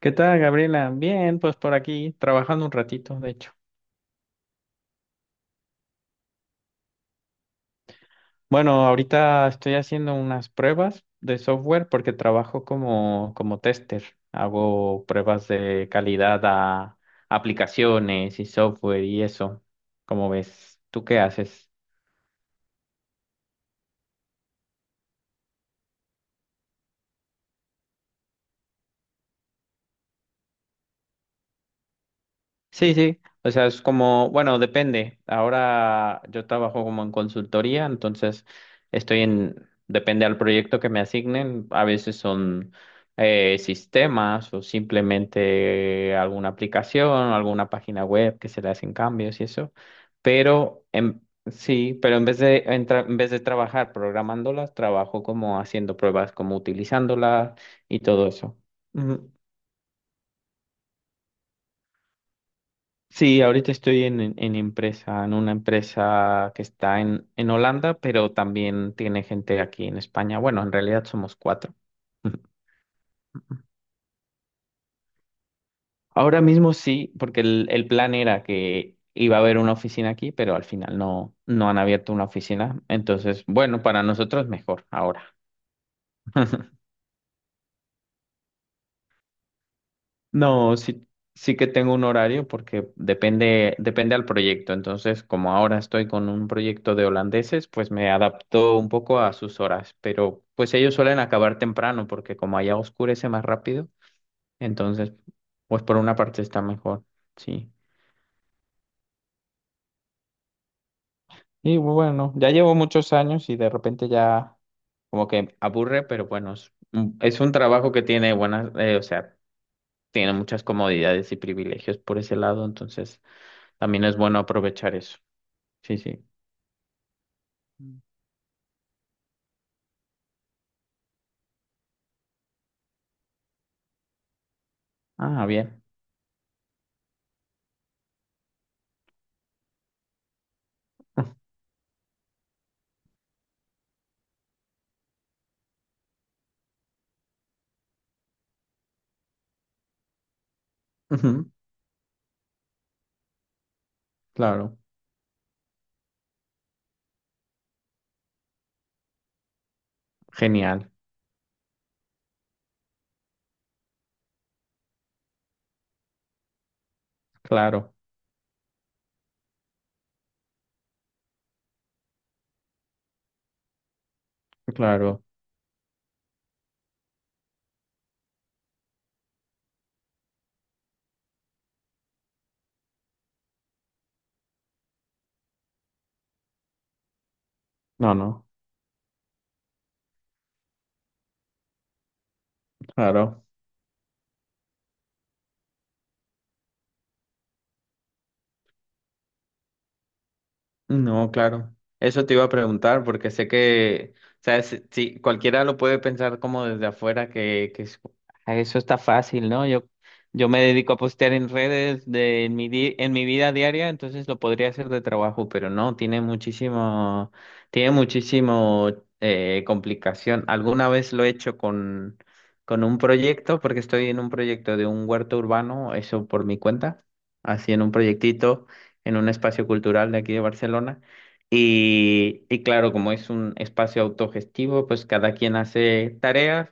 ¿Qué tal, Gabriela? Bien, pues por aquí, trabajando un ratito, de hecho. Bueno, ahorita estoy haciendo unas pruebas de software porque trabajo como tester. Hago pruebas de calidad a aplicaciones y software y eso. ¿Cómo ves? ¿Tú qué haces? Sí, sí, o sea, es como, bueno, depende. Ahora yo trabajo como en consultoría, entonces estoy en, depende al proyecto que me asignen. A veces son sistemas o simplemente alguna aplicación, alguna página web que se le hacen cambios y eso. Pero en, sí, pero en vez de, en vez de trabajar programándolas, trabajo como haciendo pruebas, como utilizándolas y todo eso. Sí, ahorita estoy en, en empresa, en una empresa que está en Holanda, pero también tiene gente aquí en España. Bueno, en realidad somos cuatro. Ahora mismo sí, porque el plan era que iba a haber una oficina aquí, pero al final no, no han abierto una oficina. Entonces, bueno, para nosotros mejor ahora. No, sí, sí que tengo un horario porque depende al proyecto. Entonces, como ahora estoy con un proyecto de holandeses, pues me adapto un poco a sus horas. Pero pues ellos suelen acabar temprano porque como allá oscurece más rápido, entonces, pues por una parte está mejor. Sí. Y bueno, ya llevo muchos años y de repente ya como que aburre, pero bueno, es un trabajo que tiene buenas, o sea, tiene muchas comodidades y privilegios por ese lado, entonces también es bueno aprovechar eso. Sí, sí. Mm. Ah, bien. Ujú, claro. Genial. Claro. Claro. No, no. Claro. No, claro. Eso te iba a preguntar porque sé que, o sea, si, si cualquiera lo puede pensar como desde afuera que, "Ah, eso está fácil, ¿no? Yo me dedico a postear en redes de en mi vida diaria, entonces lo podría hacer de trabajo, pero no, tiene muchísimo complicación. Alguna vez lo he hecho con un proyecto, porque estoy en un proyecto de un huerto urbano, eso por mi cuenta, así en un proyectito en un espacio cultural de aquí de Barcelona. Y claro, como es un espacio autogestivo, pues cada quien hace tareas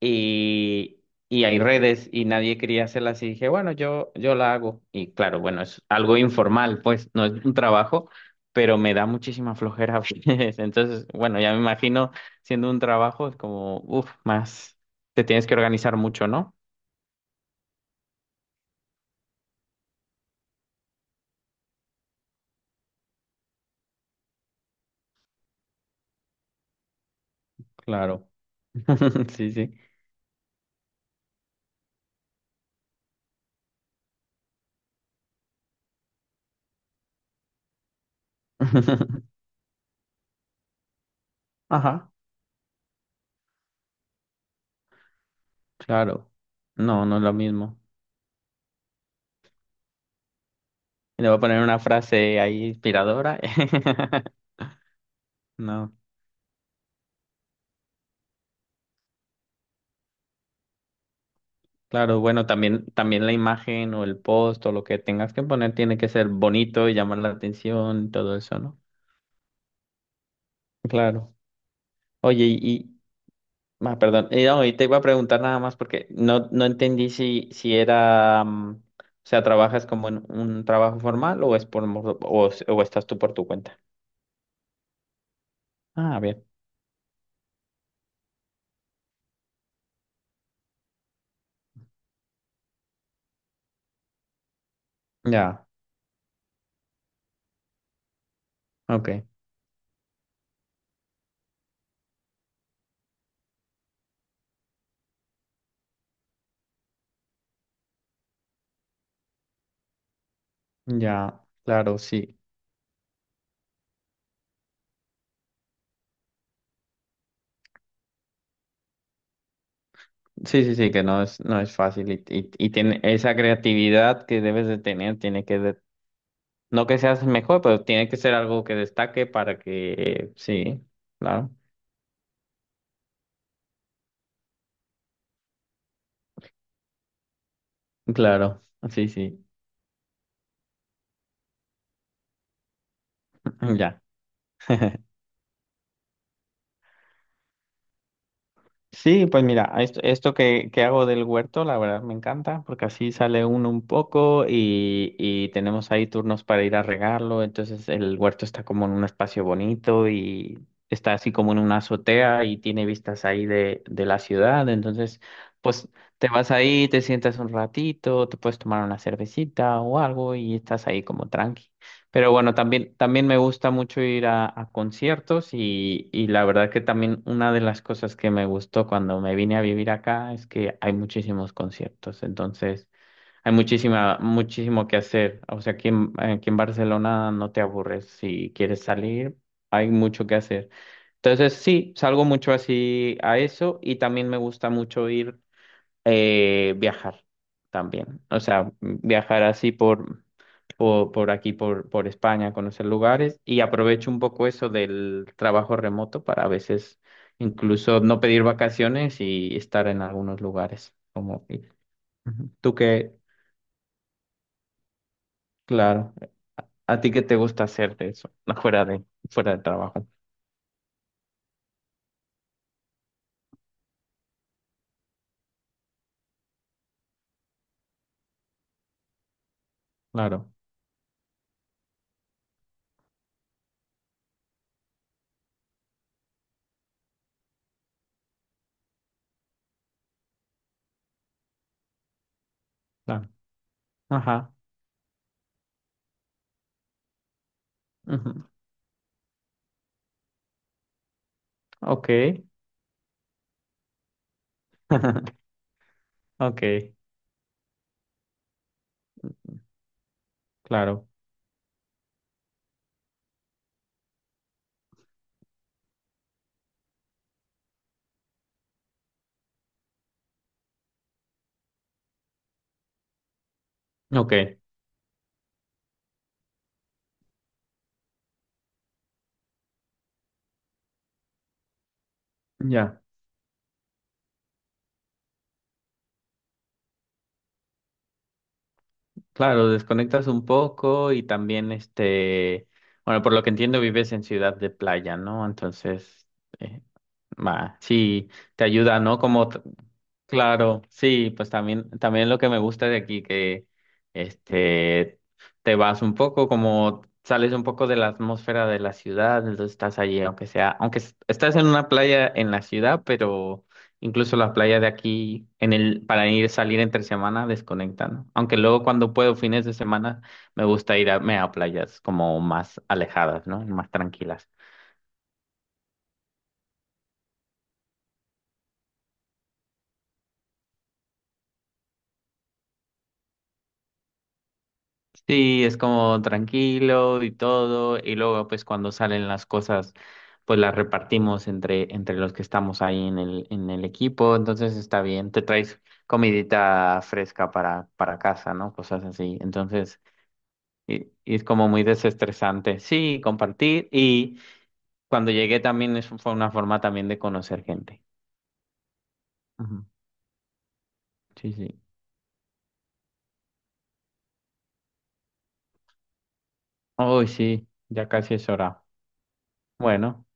y, y hay redes y nadie quería hacerlas y dije, bueno, yo la hago. Y claro, bueno, es algo informal, pues no es un trabajo, pero me da muchísima flojera a veces. Entonces, bueno, ya me imagino siendo un trabajo, es como, uff, más, te tienes que organizar mucho, ¿no? Claro. Sí, sí. Ajá. Claro, no, no es lo mismo. Y le voy a poner una frase ahí inspiradora. No, claro, bueno, también, también la imagen o el post o lo que tengas que poner tiene que ser bonito y llamar la atención y todo eso, ¿no? Claro. Oye, ah, perdón, y, no, y te iba a preguntar nada más porque no, no entendí si, si era, o sea, ¿trabajas como en un trabajo formal o es por, o estás tú por tu cuenta? Ah, bien, ya, ok, ya, claro, sí. Sí, sí, sí, que no es, no es fácil y tiene esa creatividad que debes de tener, no que seas mejor, pero tiene que ser algo que destaque para que, sí, claro, claro, sí, sí, ya. Sí, pues mira, esto que hago del huerto, la verdad me encanta, porque así sale uno un poco y tenemos ahí turnos para ir a regarlo, entonces el huerto está como en un espacio bonito y está así como en una azotea y tiene vistas ahí de la ciudad, entonces pues te vas ahí, te sientas un ratito, te puedes tomar una cervecita o algo y estás ahí como tranqui. Pero bueno, también, también me gusta mucho ir a conciertos y la verdad que también una de las cosas que me gustó cuando me vine a vivir acá es que hay muchísimos conciertos, entonces hay muchísima, muchísimo que hacer. O sea, aquí en Barcelona no te aburres, si quieres salir, hay mucho que hacer. Entonces sí, salgo mucho así a eso y también me gusta mucho ir viajar también. O sea, viajar así por aquí, por España, conocer lugares y aprovecho un poco eso del trabajo remoto para a veces incluso no pedir vacaciones y estar en algunos lugares. Ujú. Tú que, claro, a ti qué te gusta hacer de eso, fuera de, fuera de trabajo. Claro, claro. Ajá. Ujú. Ok. Ok, claro. Ok, ya. Claro, desconectas un poco y también este, bueno, por lo que entiendo vives en ciudad de playa, ¿no? Entonces, eh, va, sí, te ayuda, ¿no? Claro, sí, pues también, también lo que me gusta de aquí, que este, te vas un poco, como sales un poco de la atmósfera de la ciudad, entonces estás allí, aunque sea, estás en una playa en la ciudad, pero incluso la playa de aquí, en el, para ir salir entre semana, desconecta, ¿no? Aunque luego cuando puedo, fines de semana, me gusta irme a playas como más alejadas, ¿no? Más tranquilas. Sí, es como tranquilo y todo, y luego pues cuando salen las cosas, pues las repartimos entre, entre los que estamos ahí en el equipo, entonces está bien, te traes comidita fresca para casa, ¿no? Cosas así, entonces y es como muy desestresante, sí, compartir, y cuando llegué también es, fue una forma también de conocer gente. Ujú, sí, sí. Uy, sí, ya casi es hora. Bueno.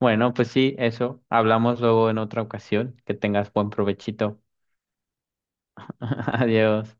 Bueno, pues sí, eso. Hablamos luego en otra ocasión. Que tengas buen provechito. Adiós.